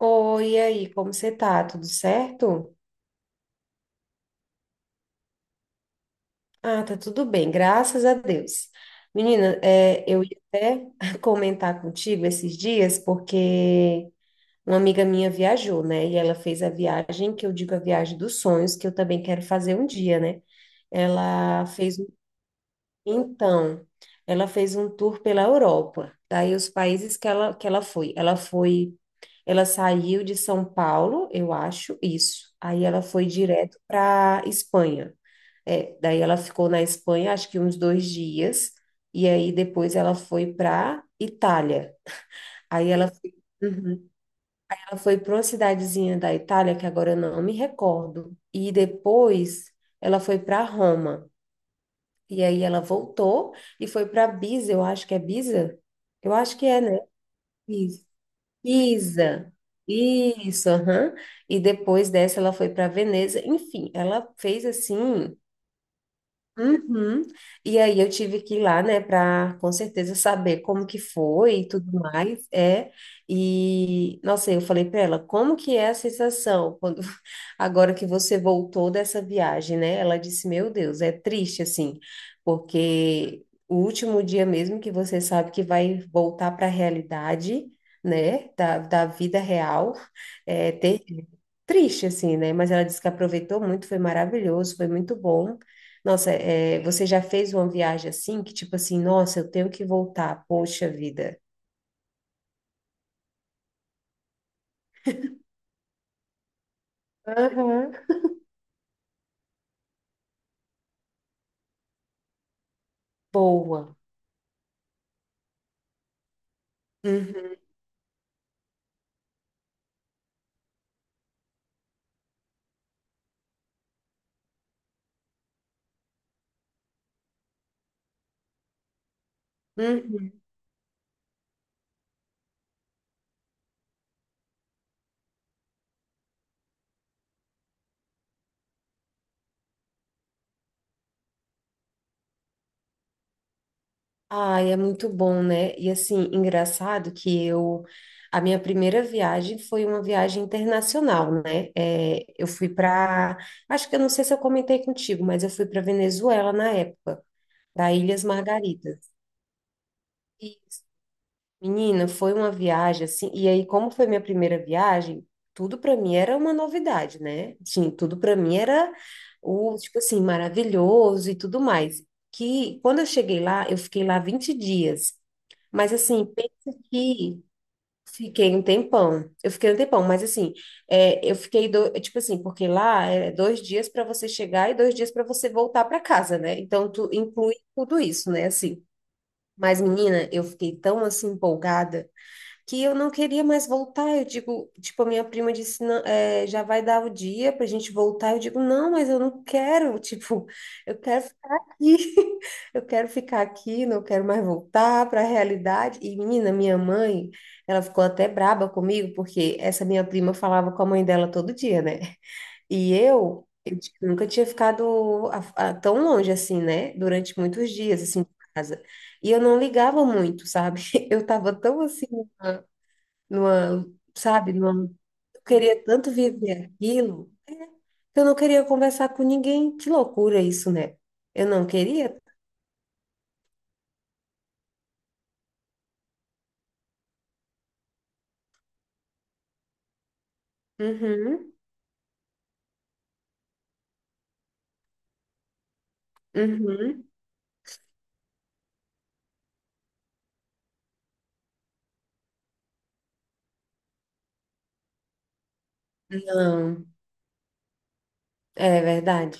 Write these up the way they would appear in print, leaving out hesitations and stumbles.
Oi, e aí, como você tá? Tudo certo? Ah, tá tudo bem, graças a Deus. Menina, é, eu ia até comentar contigo esses dias, porque uma amiga minha viajou, né? E ela fez a viagem, que eu digo a viagem dos sonhos, que eu também quero fazer um dia, né? Ela fez, um- então, ela fez um tour pela Europa, daí os países que ela foi. Ela saiu de São Paulo, eu acho, isso. Aí ela foi direto para Espanha. É, daí ela ficou na Espanha, acho que uns 2 dias, e aí depois ela foi para Itália. Aí ela foi, Uhum. Ela foi para uma cidadezinha da Itália, que agora eu não me recordo, e depois ela foi para Roma. E aí ela voltou e foi para Pisa, eu acho que é Pisa? Eu acho que é, né? Isa, isso, aham. E depois dessa ela foi para Veneza. Enfim, ela fez assim. Uhum. E aí eu tive que ir lá, né, para com certeza saber como que foi e tudo mais, é. E nossa, eu falei para ela, como que é a sensação quando agora que você voltou dessa viagem, né? Ela disse, meu Deus, é triste assim, porque o último dia mesmo que você sabe que vai voltar para a realidade, né, da vida real, é ter triste, assim, né? Mas ela disse que aproveitou muito, foi maravilhoso, foi muito bom. Nossa, é, você já fez uma viagem assim, que tipo assim, nossa, eu tenho que voltar, poxa vida. Aham. Boa. Uhum, uhum. Ai, é muito bom, né? E assim, engraçado que eu. A minha primeira viagem foi uma viagem internacional, né? É, eu fui para. Acho que eu não sei se eu comentei contigo, mas eu fui para Venezuela na época, para Ilhas Margaritas. Menina, foi uma viagem assim, e aí como foi minha primeira viagem, tudo para mim era uma novidade, né? Sim, tudo para mim era o tipo assim maravilhoso e tudo mais. Que quando eu cheguei lá, eu fiquei lá 20 dias. Mas assim, pensa que fiquei um tempão. Eu fiquei um tempão, mas assim, é, eu fiquei do, tipo assim, porque lá é 2 dias para você chegar e 2 dias para você voltar para casa, né? Então tu inclui tudo isso, né? Assim. Mas, menina, eu fiquei tão assim empolgada que eu não queria mais voltar. Eu digo, tipo, a minha prima disse, "Não, é, já vai dar o dia pra gente voltar. Eu digo, não, mas eu não quero, tipo, eu quero ficar aqui, eu quero ficar aqui, não quero mais voltar para a realidade. E menina, minha mãe, ela ficou até braba comigo, porque essa minha prima falava com a mãe dela todo dia, né? E eu tipo, nunca tinha ficado tão longe assim, né? Durante muitos dias, assim, de casa. E eu não ligava muito, sabe? Eu tava tão assim numa, sabe, numa, eu queria tanto viver aquilo, é, que eu não queria conversar com ninguém. Que loucura isso, né? Eu não queria. Uhum, uhum. Não, é verdade.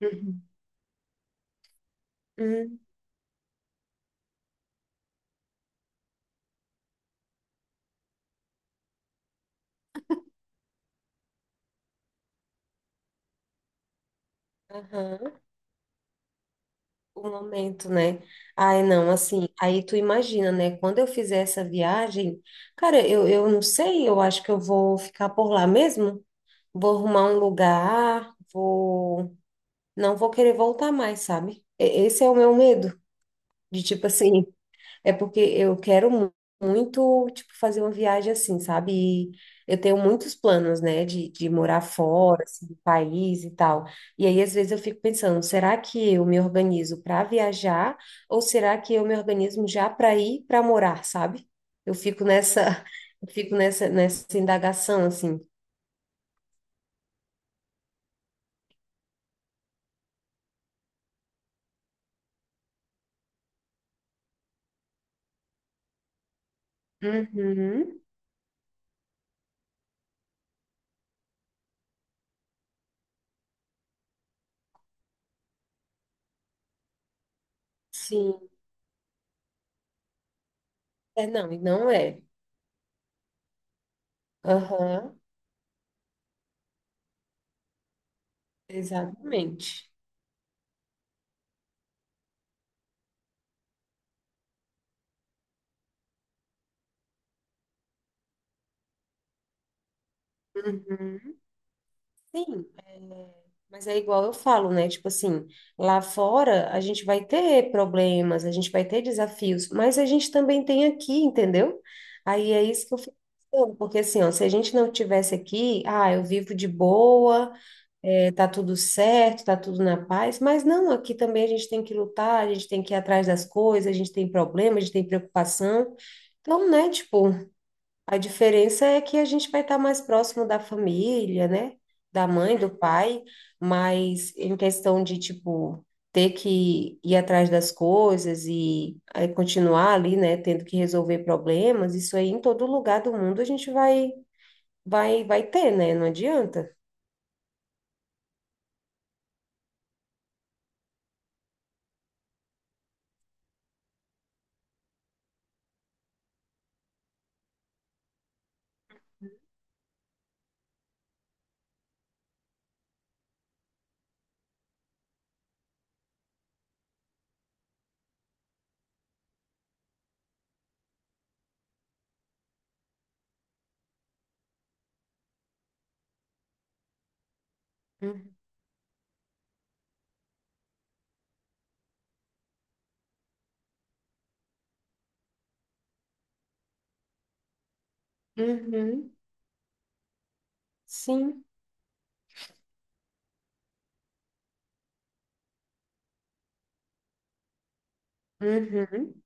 Uhum. Uhum. Aham. O momento, né? Ai, não, assim, aí tu imagina, né? Quando eu fizer essa viagem, cara, eu não sei, eu acho que eu vou ficar por lá mesmo. Vou arrumar um lugar, vou. Não vou querer voltar mais, sabe? Esse é o meu medo. De tipo assim, é porque eu quero muito, tipo, fazer uma viagem assim, sabe? E eu tenho muitos planos, né, de morar fora, assim, do país e tal. E aí, às vezes, eu fico pensando, será que eu me organizo para viajar ou será que eu me organizo já para ir para morar, sabe? Eu fico nessa, eu fico nessa indagação, assim. Uhum, sim. É, não, e não é. Aham, exatamente. Uhum. Sim, é, mas é igual eu falo, né? Tipo assim, lá fora a gente vai ter problemas, a gente vai ter desafios, mas a gente também tem aqui, entendeu? Aí é isso que eu fico pensando, porque assim, ó, se a gente não tivesse aqui, ah, eu vivo de boa, é, tá tudo certo, tá tudo na paz, mas não, aqui também a gente tem que lutar, a gente tem que ir atrás das coisas, a gente tem problema, a gente tem preocupação. Então, né, tipo. A diferença é que a gente vai estar mais próximo da família, né? Da mãe, do pai, mas em questão de, tipo, ter que ir atrás das coisas e aí continuar ali, né? Tendo que resolver problemas, isso aí em todo lugar do mundo a gente vai ter, né? Não adianta. Uhum. Uhum. Sim. Uhum.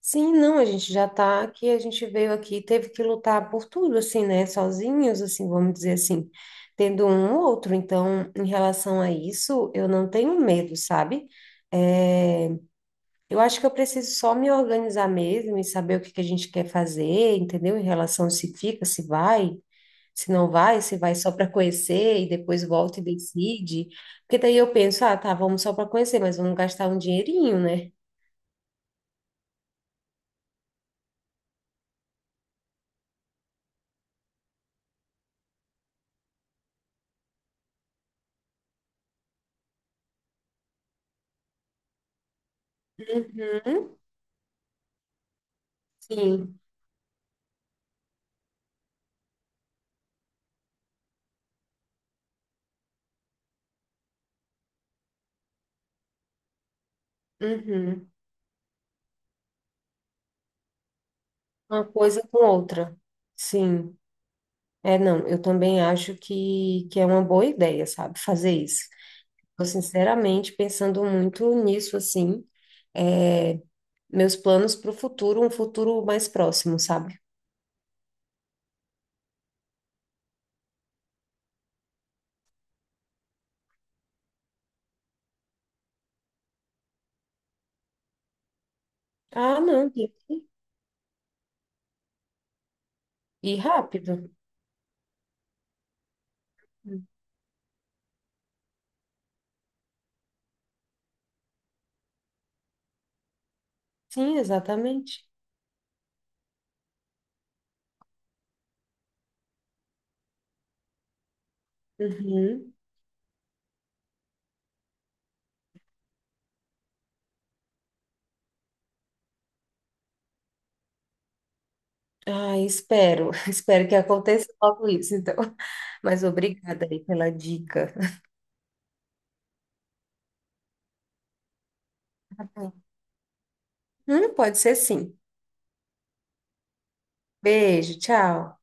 Sim, não, a gente já tá aqui, a gente veio aqui, teve que lutar por tudo, assim, né? Sozinhos, assim, vamos dizer assim, tendo um ou outro. Então, em relação a isso, eu não tenho medo, sabe? É, eu acho que eu preciso só me organizar mesmo e saber o que que a gente quer fazer, entendeu? Em relação a se fica, se vai, se não vai, se vai só para conhecer e depois volta e decide. Porque daí eu penso, ah, tá, vamos só para conhecer, mas vamos gastar um dinheirinho, né? Uhum, sim. Uhum. Uma coisa com outra. Sim. É, não, eu também acho que é uma boa ideia, sabe, fazer isso. Tô sinceramente pensando muito nisso, assim, é, meus planos para o futuro, um futuro mais próximo, sabe? Ah, não, tem que ir rápido. Sim, exatamente. Uhum. Ah, espero, espero que aconteça logo isso, então. Mas obrigada aí pela dica. Pode ser sim. Beijo, tchau.